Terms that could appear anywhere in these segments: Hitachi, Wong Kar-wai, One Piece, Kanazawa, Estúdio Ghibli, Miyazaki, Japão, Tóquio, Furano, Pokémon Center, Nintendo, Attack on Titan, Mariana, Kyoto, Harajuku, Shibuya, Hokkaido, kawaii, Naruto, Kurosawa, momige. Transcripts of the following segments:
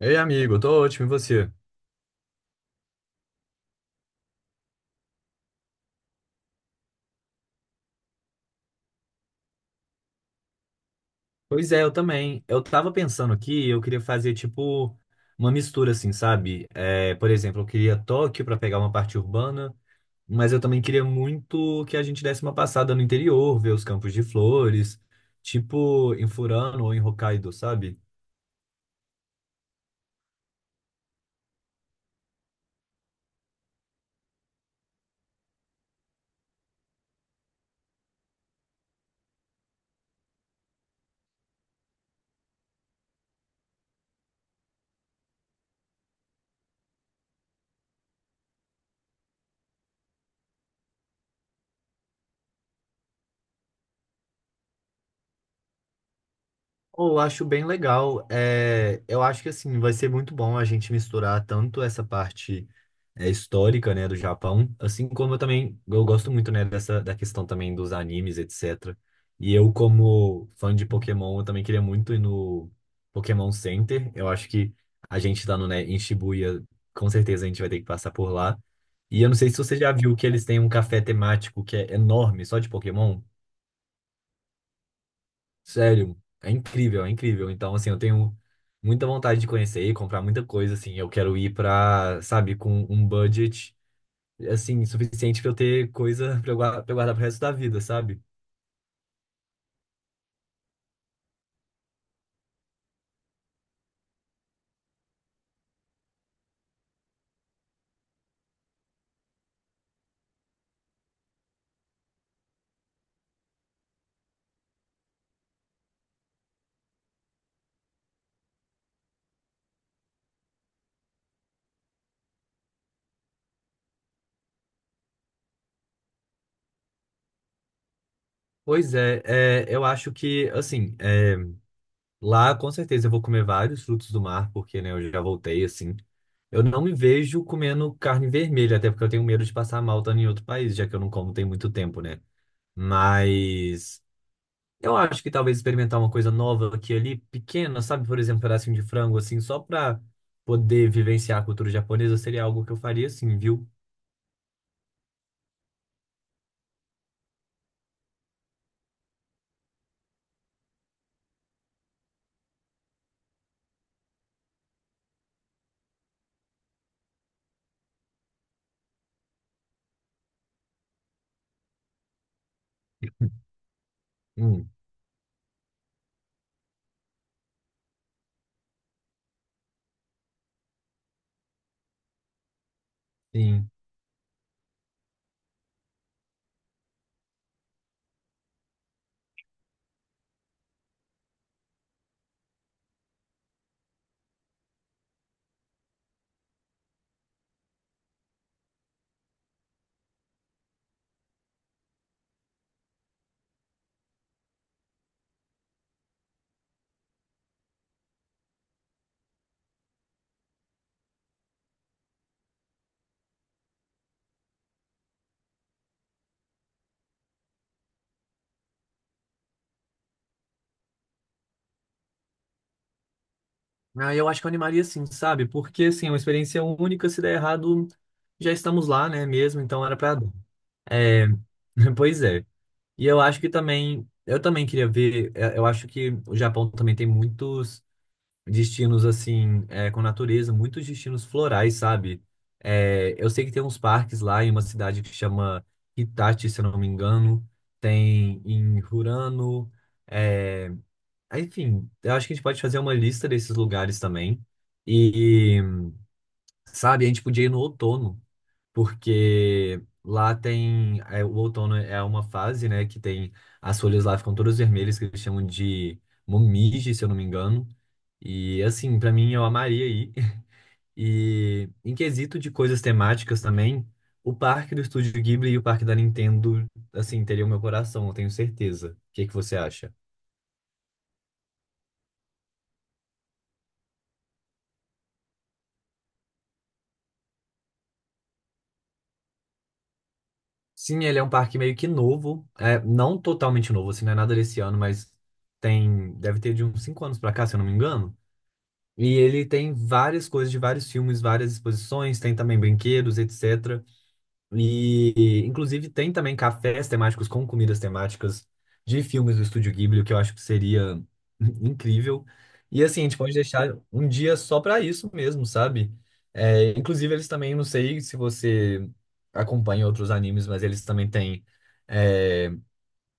Ei, amigo, eu tô ótimo, e você? Pois é, eu também. Eu tava pensando aqui, eu queria fazer tipo uma mistura assim, sabe? É, por exemplo, eu queria Tóquio pra pegar uma parte urbana, mas eu também queria muito que a gente desse uma passada no interior, ver os campos de flores, tipo em Furano ou em Hokkaido, sabe? Eu acho bem legal. É, eu acho que assim vai ser muito bom a gente misturar tanto essa parte histórica, né, do Japão, assim como eu também eu gosto muito, né, dessa da questão também dos animes, etc. E eu como fã de Pokémon, eu também queria muito ir no Pokémon Center. Eu acho que a gente tá no, né, em Shibuya, com certeza a gente vai ter que passar por lá. E eu não sei se você já viu que eles têm um café temático que é enorme, só de Pokémon. Sério, é incrível, é incrível. Então, assim, eu tenho muita vontade de conhecer e comprar muita coisa, assim. Eu quero ir pra, sabe, com um budget, assim, suficiente pra eu ter coisa pra eu guardar pro resto da vida, sabe? Pois é, eu acho que, assim, lá com certeza eu vou comer vários frutos do mar, porque, né, eu já voltei, assim. Eu não me vejo comendo carne vermelha, até porque eu tenho medo de passar mal estando em outro país, já que eu não como tem muito tempo, né? Mas. Eu acho que talvez experimentar uma coisa nova aqui e ali, pequena, sabe? Por exemplo, um pedacinho de frango, assim, só pra poder vivenciar a cultura japonesa, seria algo que eu faria, assim, viu? Hum. Sim. Ah, eu acho que eu animaria sim, sabe? Porque, assim, é uma experiência única, se der errado, já estamos lá, né, mesmo, então era pra dar. É, pois é. E eu acho que também, eu também queria ver, eu acho que o Japão também tem muitos destinos assim, com natureza, muitos destinos florais, sabe? É, eu sei que tem uns parques lá em uma cidade que chama Hitachi, se eu não me engano, tem em Hurano, é, enfim, eu acho que a gente pode fazer uma lista desses lugares também. E, sabe, a gente podia ir no outono porque lá tem o outono é uma fase, né, que tem as folhas lá ficam todas vermelhas que eles chamam de momige, se eu não me engano. E assim, pra mim eu amaria ir. E em quesito de coisas temáticas também, o parque do Estúdio Ghibli e o parque da Nintendo, assim, teriam meu coração, eu tenho certeza. O que que você acha? Sim, ele é um parque meio que novo, não totalmente novo, assim, não é nada desse ano, mas tem, deve ter de uns 5 anos pra cá, se eu não me engano. E ele tem várias coisas de vários filmes, várias exposições, tem também brinquedos, etc. E, inclusive, tem também cafés temáticos com comidas temáticas de filmes do Estúdio Ghibli, o que eu acho que seria incrível. E, assim, a gente pode deixar um dia só para isso mesmo, sabe? É, inclusive, eles também, não sei se você acompanha outros animes, mas eles também têm. é,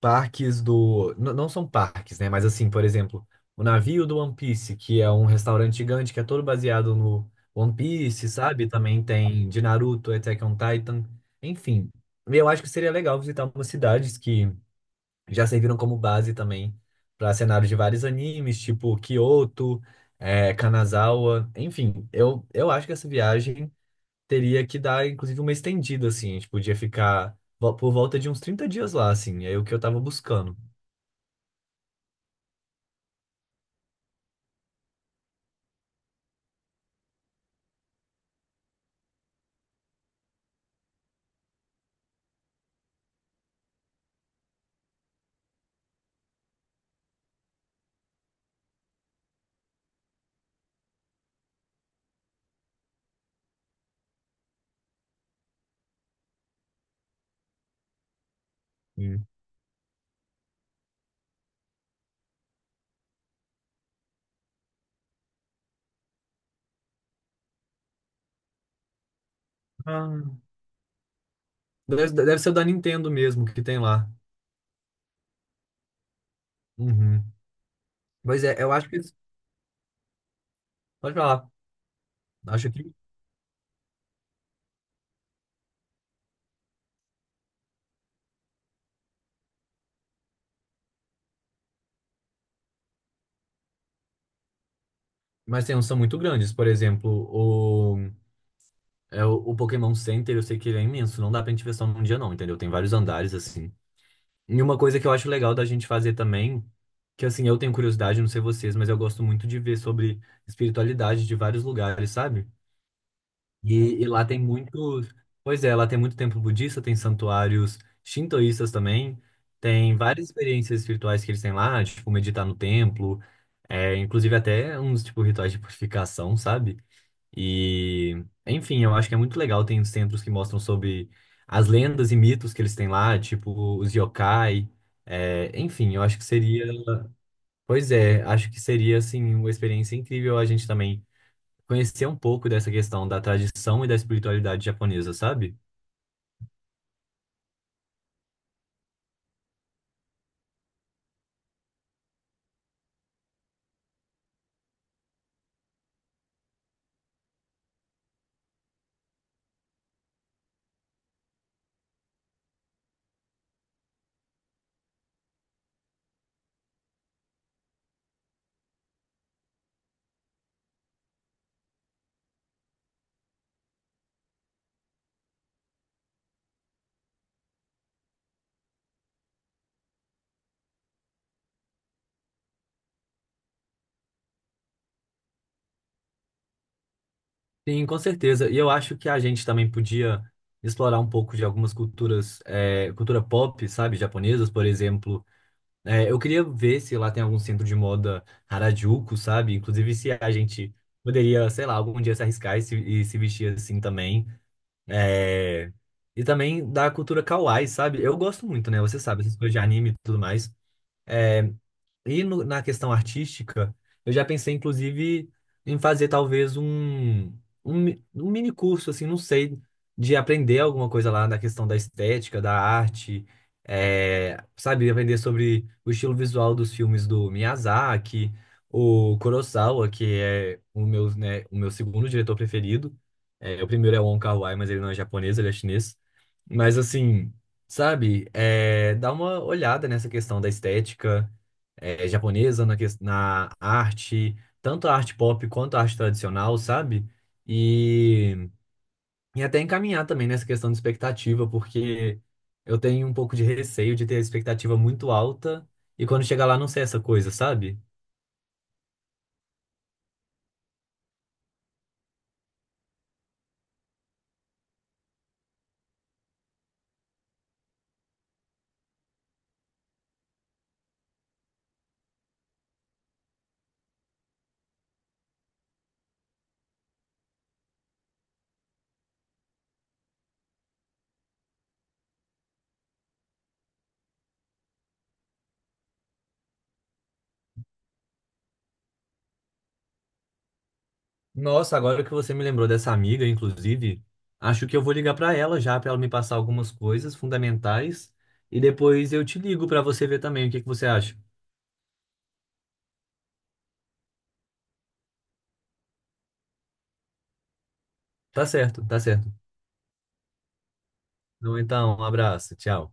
parques do. Não são parques, né? Mas assim, por exemplo, o navio do One Piece, que é um restaurante gigante que é todo baseado no One Piece, sabe? Também tem de Naruto, Attack on Titan, enfim. Eu acho que seria legal visitar algumas cidades que já serviram como base também para cenários de vários animes, tipo Kyoto, Kanazawa, enfim. Eu acho que essa viagem teria que dar, inclusive, uma estendida, assim. A gente podia ficar por volta de uns 30 dias lá, assim. É o que eu tava buscando. Sim. Ah, deve ser o da Nintendo mesmo que tem lá. Uhum. Pois é, eu acho que. Pode falar. Acho que. Mas tem uns que são muito grandes. Por exemplo, o Pokémon Center, eu sei que ele é imenso. Não dá pra gente ver só num dia, não, entendeu? Tem vários andares, assim. E uma coisa que eu acho legal da gente fazer também, que assim, eu tenho curiosidade, não sei vocês, mas eu gosto muito de ver sobre espiritualidade de vários lugares, sabe? E lá tem muitos. Pois é, lá tem muito templo budista, tem santuários shintoístas também, tem várias experiências espirituais que eles têm lá, tipo meditar no templo, inclusive até uns tipo rituais de purificação, sabe? E, enfim, eu acho que é muito legal. Tem os templos que mostram sobre as lendas e mitos que eles têm lá, tipo os yokai. Enfim, eu acho que seria. Pois é, acho que seria, assim, uma experiência incrível a gente também conhecer um pouco dessa questão da tradição e da espiritualidade japonesa, sabe? Sim, com certeza. E eu acho que a gente também podia explorar um pouco de algumas culturas, cultura pop, sabe, japonesas, por exemplo. É, eu queria ver se lá tem algum centro de moda Harajuku, sabe? Inclusive se a gente poderia, sei lá, algum dia se arriscar e se vestir assim também. É, E também da cultura kawaii, sabe? Eu gosto muito, né? Você sabe, essas coisas de anime e tudo mais. Eh, E na questão artística, eu já pensei, inclusive, em fazer talvez um mini curso, assim, não sei, de aprender alguma coisa lá na questão da estética, da arte, sabe, aprender sobre o estilo visual dos filmes do Miyazaki, o Kurosawa, que é o meu, né, o meu segundo diretor preferido. É, o primeiro é o Wong Kar-wai, mas ele não é japonês, ele é chinês. Mas assim, sabe, dá uma olhada nessa questão da estética japonesa, na, na arte, tanto a arte pop quanto a arte tradicional, sabe? E, e até encaminhar também nessa questão de expectativa, porque eu tenho um pouco de receio de ter a expectativa muito alta e quando chegar lá não ser essa coisa, sabe? Nossa, agora que você me lembrou dessa amiga, inclusive, acho que eu vou ligar para ela já, para ela me passar algumas coisas fundamentais e depois eu te ligo para você ver também o que que você acha. Tá certo, tá certo. Então, um abraço, tchau.